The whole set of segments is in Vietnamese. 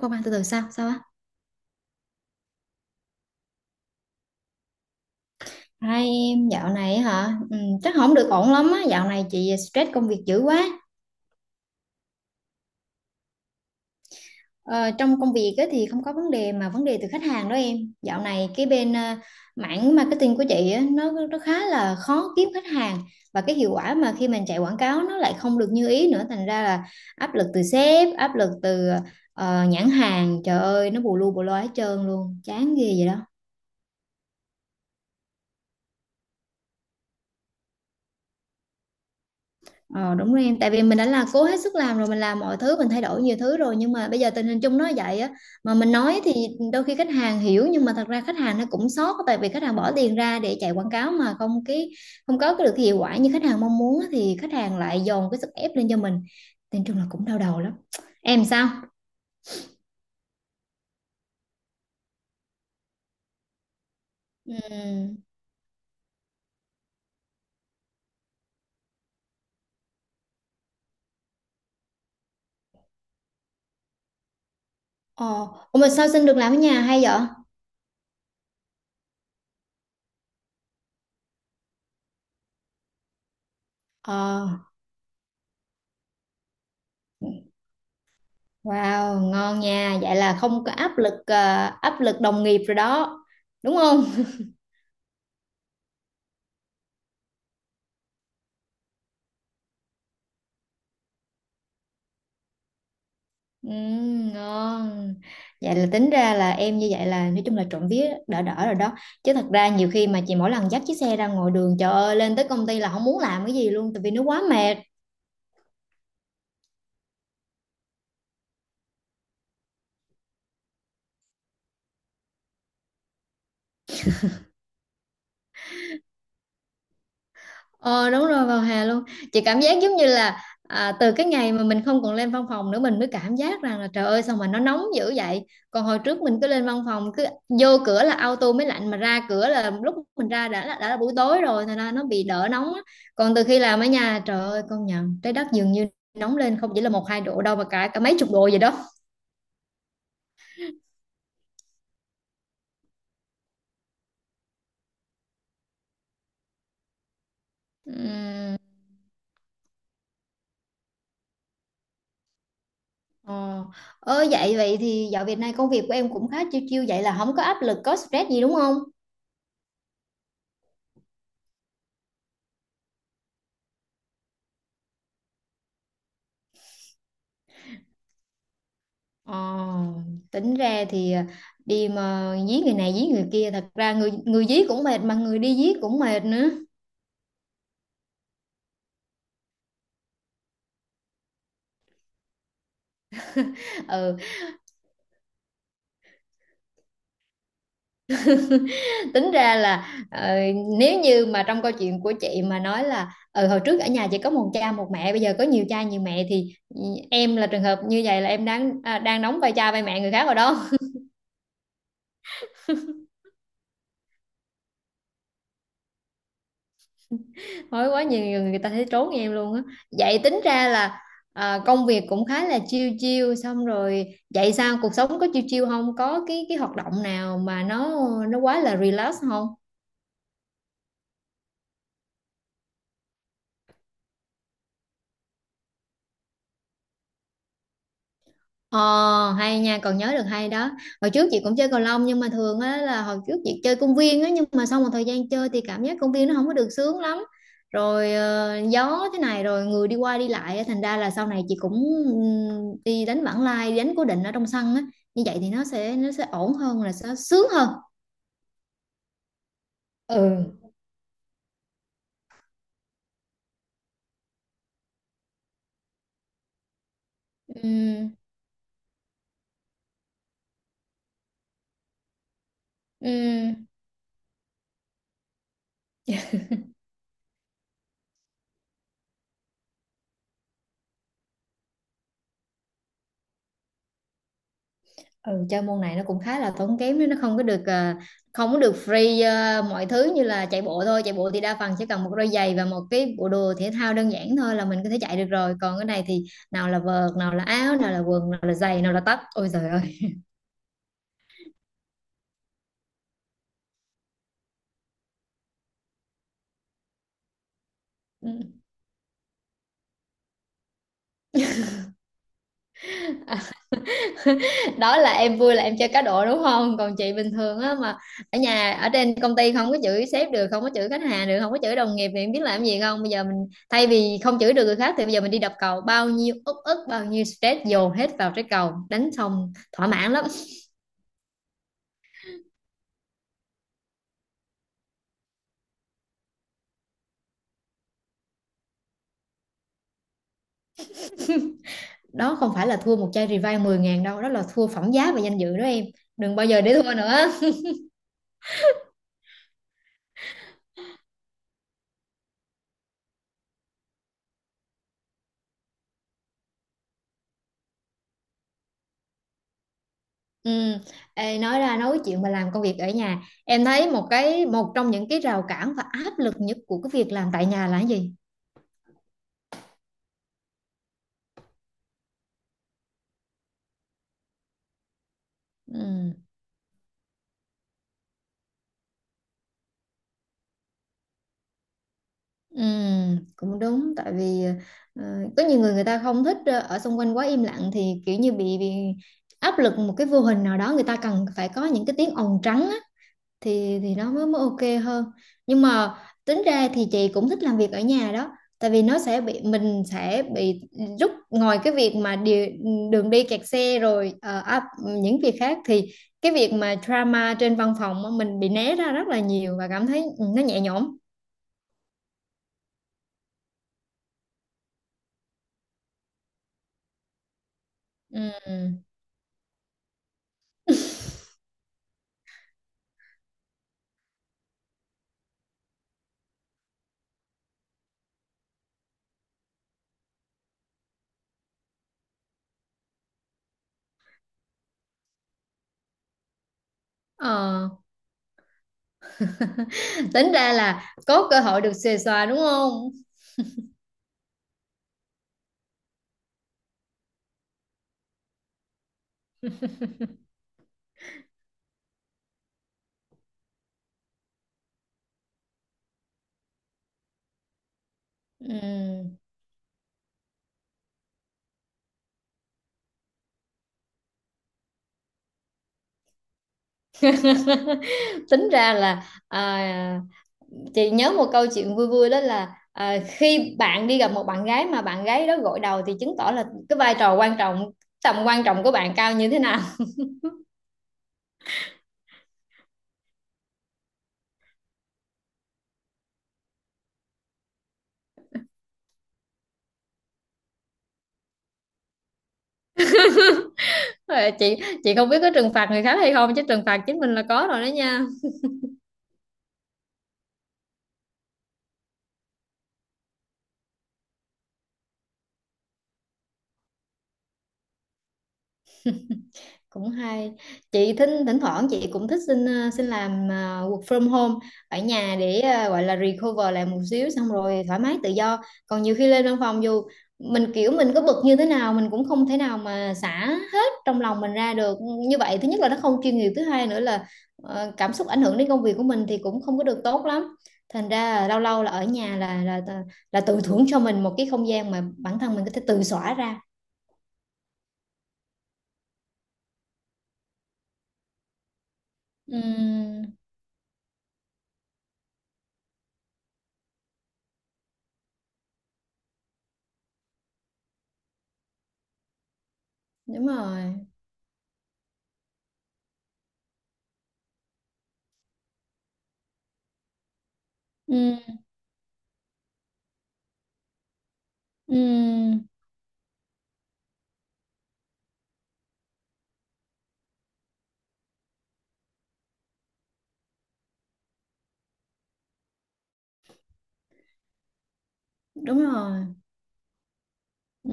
Không an từ từ sao sao á. Hai, em dạo này hả. Ừ, chắc không được ổn lắm á, dạo này chị stress công việc dữ quá. Ờ, trong công việc á, thì không có vấn đề mà vấn đề từ khách hàng đó em. Dạo này cái bên mảng marketing của chị á, nó khá là khó kiếm khách hàng, và cái hiệu quả mà khi mình chạy quảng cáo nó lại không được như ý nữa, thành ra là áp lực từ sếp, áp lực từ nhãn hàng, trời ơi nó bù lu bù loa hết trơn luôn, chán ghê vậy đó. Ờ đúng rồi em, tại vì mình đã là cố hết sức làm rồi, mình làm mọi thứ, mình thay đổi nhiều thứ rồi nhưng mà bây giờ tình hình chung nó vậy á, mà mình nói thì đôi khi khách hàng hiểu, nhưng mà thật ra khách hàng nó cũng sót, tại vì khách hàng bỏ tiền ra để chạy quảng cáo mà không có cái được cái hiệu quả như khách hàng mong muốn á, thì khách hàng lại dồn cái sức ép lên cho mình. Nên chung là cũng đau đầu lắm. Em sao? Ừ. Ờ, ủa mà sao xin được làm ở nhà hay vậy? Ờ, wow, ngon nha. Vậy là không có áp lực áp lực đồng nghiệp rồi đó, đúng không? Ừ, ngon. Vậy là tính ra là em như vậy là nói chung là trộm vía đỡ đỡ rồi đó, chứ thật ra nhiều khi mà chị mỗi lần dắt chiếc xe ra ngoài đường, trời ơi lên tới công ty là không muốn làm cái gì luôn tại vì nó quá mệt. Ờ đúng rồi, vào hè luôn. Chị cảm giác giống như là từ cái ngày mà mình không còn lên văn phòng nữa, mình mới cảm giác rằng là trời ơi sao mà nó nóng dữ vậy, còn hồi trước mình cứ lên văn phòng, cứ vô cửa là auto mới lạnh, mà ra cửa là lúc mình ra đã là buổi tối rồi, thành ra nó bị đỡ nóng á. Còn từ khi làm ở nhà trời ơi, công nhận trái đất dường như nóng lên không chỉ là một hai độ đâu mà cả cả mấy chục độ vậy đó. Ừm, ờ. Ơ, vậy vậy thì dạo Việt Nam công việc của em cũng khá chiêu chiêu vậy, là không có áp lực có stress gì đúng không? Ờ, tính ra thì đi mà dí người này dí người kia, thật ra người người dí cũng mệt mà người đi dí cũng mệt nữa. Ừ, tính ra là nếu như mà trong câu chuyện của chị mà nói là ừ, hồi trước ở nhà chỉ có một cha một mẹ, bây giờ có nhiều cha nhiều mẹ thì ừ, em là trường hợp như vậy, là em đang đóng vai cha vai mẹ người khác rồi đó. Mới quá nhiều người người ta thấy trốn em luôn á. Vậy tính ra là công việc cũng khá là chill chill xong rồi, vậy sao cuộc sống có chill chill không? Có cái hoạt động nào mà nó quá là relax không? Ờ, hay nha, còn nhớ được hay đó. Hồi trước chị cũng chơi cầu lông, nhưng mà thường á là hồi trước chị chơi công viên á. Nhưng mà sau một thời gian chơi thì cảm giác công viên nó không có được sướng lắm. Rồi gió thế này rồi người đi qua đi lại á. Thành ra là sau này chị cũng đi đánh vãng lai, đi đánh cố định ở trong sân á. Như vậy thì nó sẽ ổn hơn, là sẽ sướng hơn. Ừ. Ừm, ừm. Ừ, chơi môn này nó cũng khá là tốn kém đấy, nó không có được không có được free. Ờ, mọi thứ như là chạy bộ thôi, chạy bộ thì đa phần chỉ cần một đôi giày và một cái bộ đồ thể thao đơn giản thôi là mình có thể chạy được rồi, còn cái này thì nào là vợt, nào là áo, nào là quần, nào là giày, nào là tất, ôi trời ơi. Ừ. Đó là em vui là em chơi cá độ đúng không, còn chị bình thường á mà ở nhà ở trên công ty không có chửi sếp được, không có chửi khách hàng được, không có chửi đồng nghiệp, thì em biết làm gì không, bây giờ mình thay vì không chửi được người khác thì bây giờ mình đi đập cầu, bao nhiêu uất ức bao nhiêu stress dồn hết vào trái cầu, đánh xong thỏa mãn lắm. Đó không phải là thua một chai revive 10.000 đâu, đó là thua phẩm giá và danh dự đó em. Đừng bao giờ để thua nữa. Ừ. Ê, nói ra nói chuyện mà làm công việc ở nhà, em thấy một cái, một trong những cái rào cản và áp lực nhất của cái việc làm tại nhà là cái gì? Ừ, ừ, cũng đúng, tại vì ờ, có nhiều người, người ta không thích ở xung quanh quá im lặng, thì kiểu như bị áp lực một cái vô hình nào đó, người ta cần phải có những cái tiếng ồn trắng á, thì nó mới mới ok hơn. Nhưng mà tính ra thì chị cũng thích làm việc ở nhà đó, tại vì nó sẽ bị, mình sẽ bị rút ngoài cái việc mà đường đi kẹt xe rồi áp- những việc khác, thì cái việc mà drama trên văn phòng á, mình bị né ra rất là nhiều và cảm thấy ừ, nó nhẹ nhõm. Ừ. Ờ, tính ra là có cơ hội được xuề xòa đúng không? Ừm. Tính ra là à, chị nhớ một câu chuyện vui vui, đó là à, khi bạn đi gặp một bạn gái mà bạn gái đó gội đầu thì chứng tỏ là cái vai trò quan trọng, tầm quan trọng của bạn cao như thế nào. Ờ, chị không biết có trừng phạt người khác hay không, chứ trừng phạt chính mình là có rồi đó nha. Cũng hay, chị thỉnh thỉnh thoảng chị cũng thích xin xin làm work from home ở nhà để gọi là recover lại một xíu, xong rồi thoải mái tự do, còn nhiều khi lên văn phòng dù mình kiểu mình có bực như thế nào mình cũng không thể nào mà xả hết trong lòng mình ra được. Như vậy thứ nhất là nó không chuyên nghiệp, thứ hai nữa là cảm xúc ảnh hưởng đến công việc của mình thì cũng không có được tốt lắm, thành ra là lâu lâu là ở nhà là là tự thưởng cho mình một cái không gian mà bản thân mình có thể tự xóa ra. Ừm, đúng rồi. Ừ, đúng rồi. Ừ.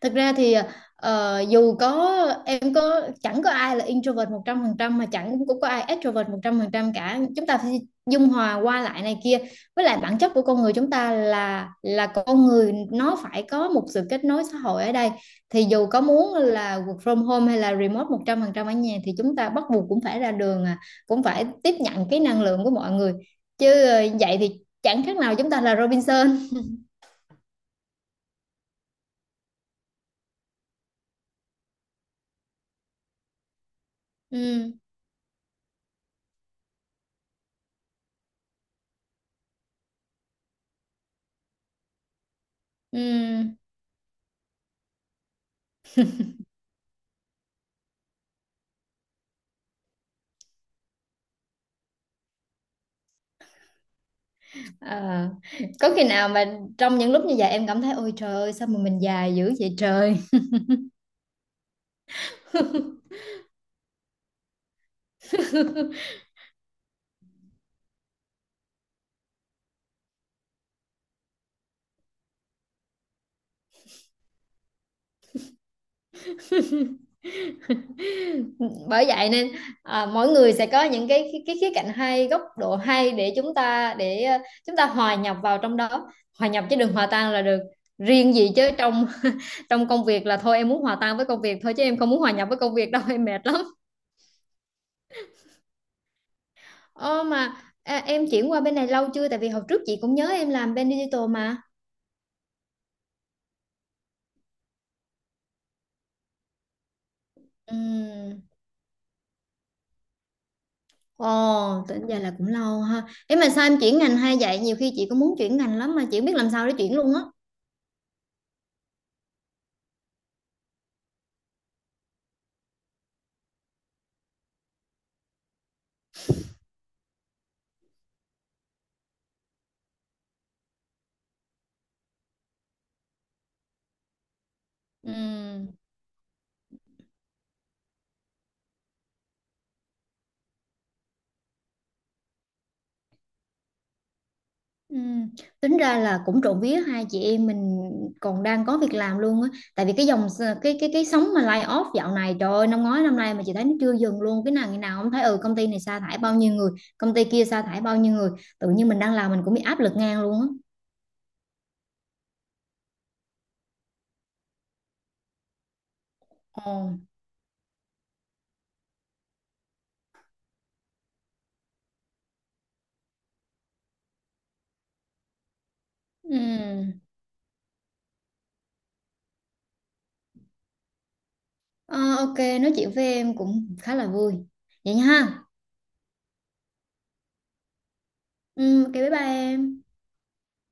Thật ra thì dù có chẳng có ai là introvert 100%, mà chẳng cũng có ai extrovert 100% cả. Chúng ta phải dung hòa qua lại này kia. Với lại bản chất của con người chúng ta là con người nó phải có một sự kết nối xã hội ở đây. Thì dù có muốn là work from home hay là remote 100% ở nhà thì chúng ta bắt buộc cũng phải ra đường, cũng phải tiếp nhận cái năng lượng của mọi người. Chứ ờ, vậy thì chẳng khác nào chúng ta là Robinson. Ừ. Ừm, ờ. Có khi nào mà trong những lúc như vậy em cảm thấy ôi trời ơi sao mà mình già dữ vậy trời? Bởi vậy nên mỗi người sẽ có những cái khía cạnh hay góc độ, hay để chúng ta để chúng ta hòa nhập vào trong đó, hòa nhập chứ đừng hòa tan là được. Riêng gì chứ trong trong công việc là thôi em muốn hòa tan với công việc thôi chứ em không muốn hòa nhập với công việc đâu, em mệt lắm. Ồ mà em chuyển qua bên này lâu chưa, tại vì hồi trước chị cũng nhớ em làm bên digital mà. Ừm. Ồ, tính ra là cũng lâu ha. Ấy mà sao em chuyển ngành hay vậy? Nhiều khi chị cũng muốn chuyển ngành lắm mà chị không biết làm sao để chuyển luôn á. Ừ. Ừ. Tính ra là cũng trộm vía hai chị em mình còn đang có việc làm luôn á. Tại vì cái dòng, cái sóng mà lay off dạo này trời ơi, năm ngoái năm nay mà chị thấy nó chưa dừng luôn. Cái nào, ngày nào không thấy ừ, công ty này sa thải bao nhiêu người, công ty kia sa thải bao nhiêu người. Tự nhiên mình đang làm mình cũng bị áp lực ngang luôn á. Ồ. Ừ. Ờ, ok, nói chuyện với em cũng khá là vui. Vậy nha ha. Ừ, ok bye bye em.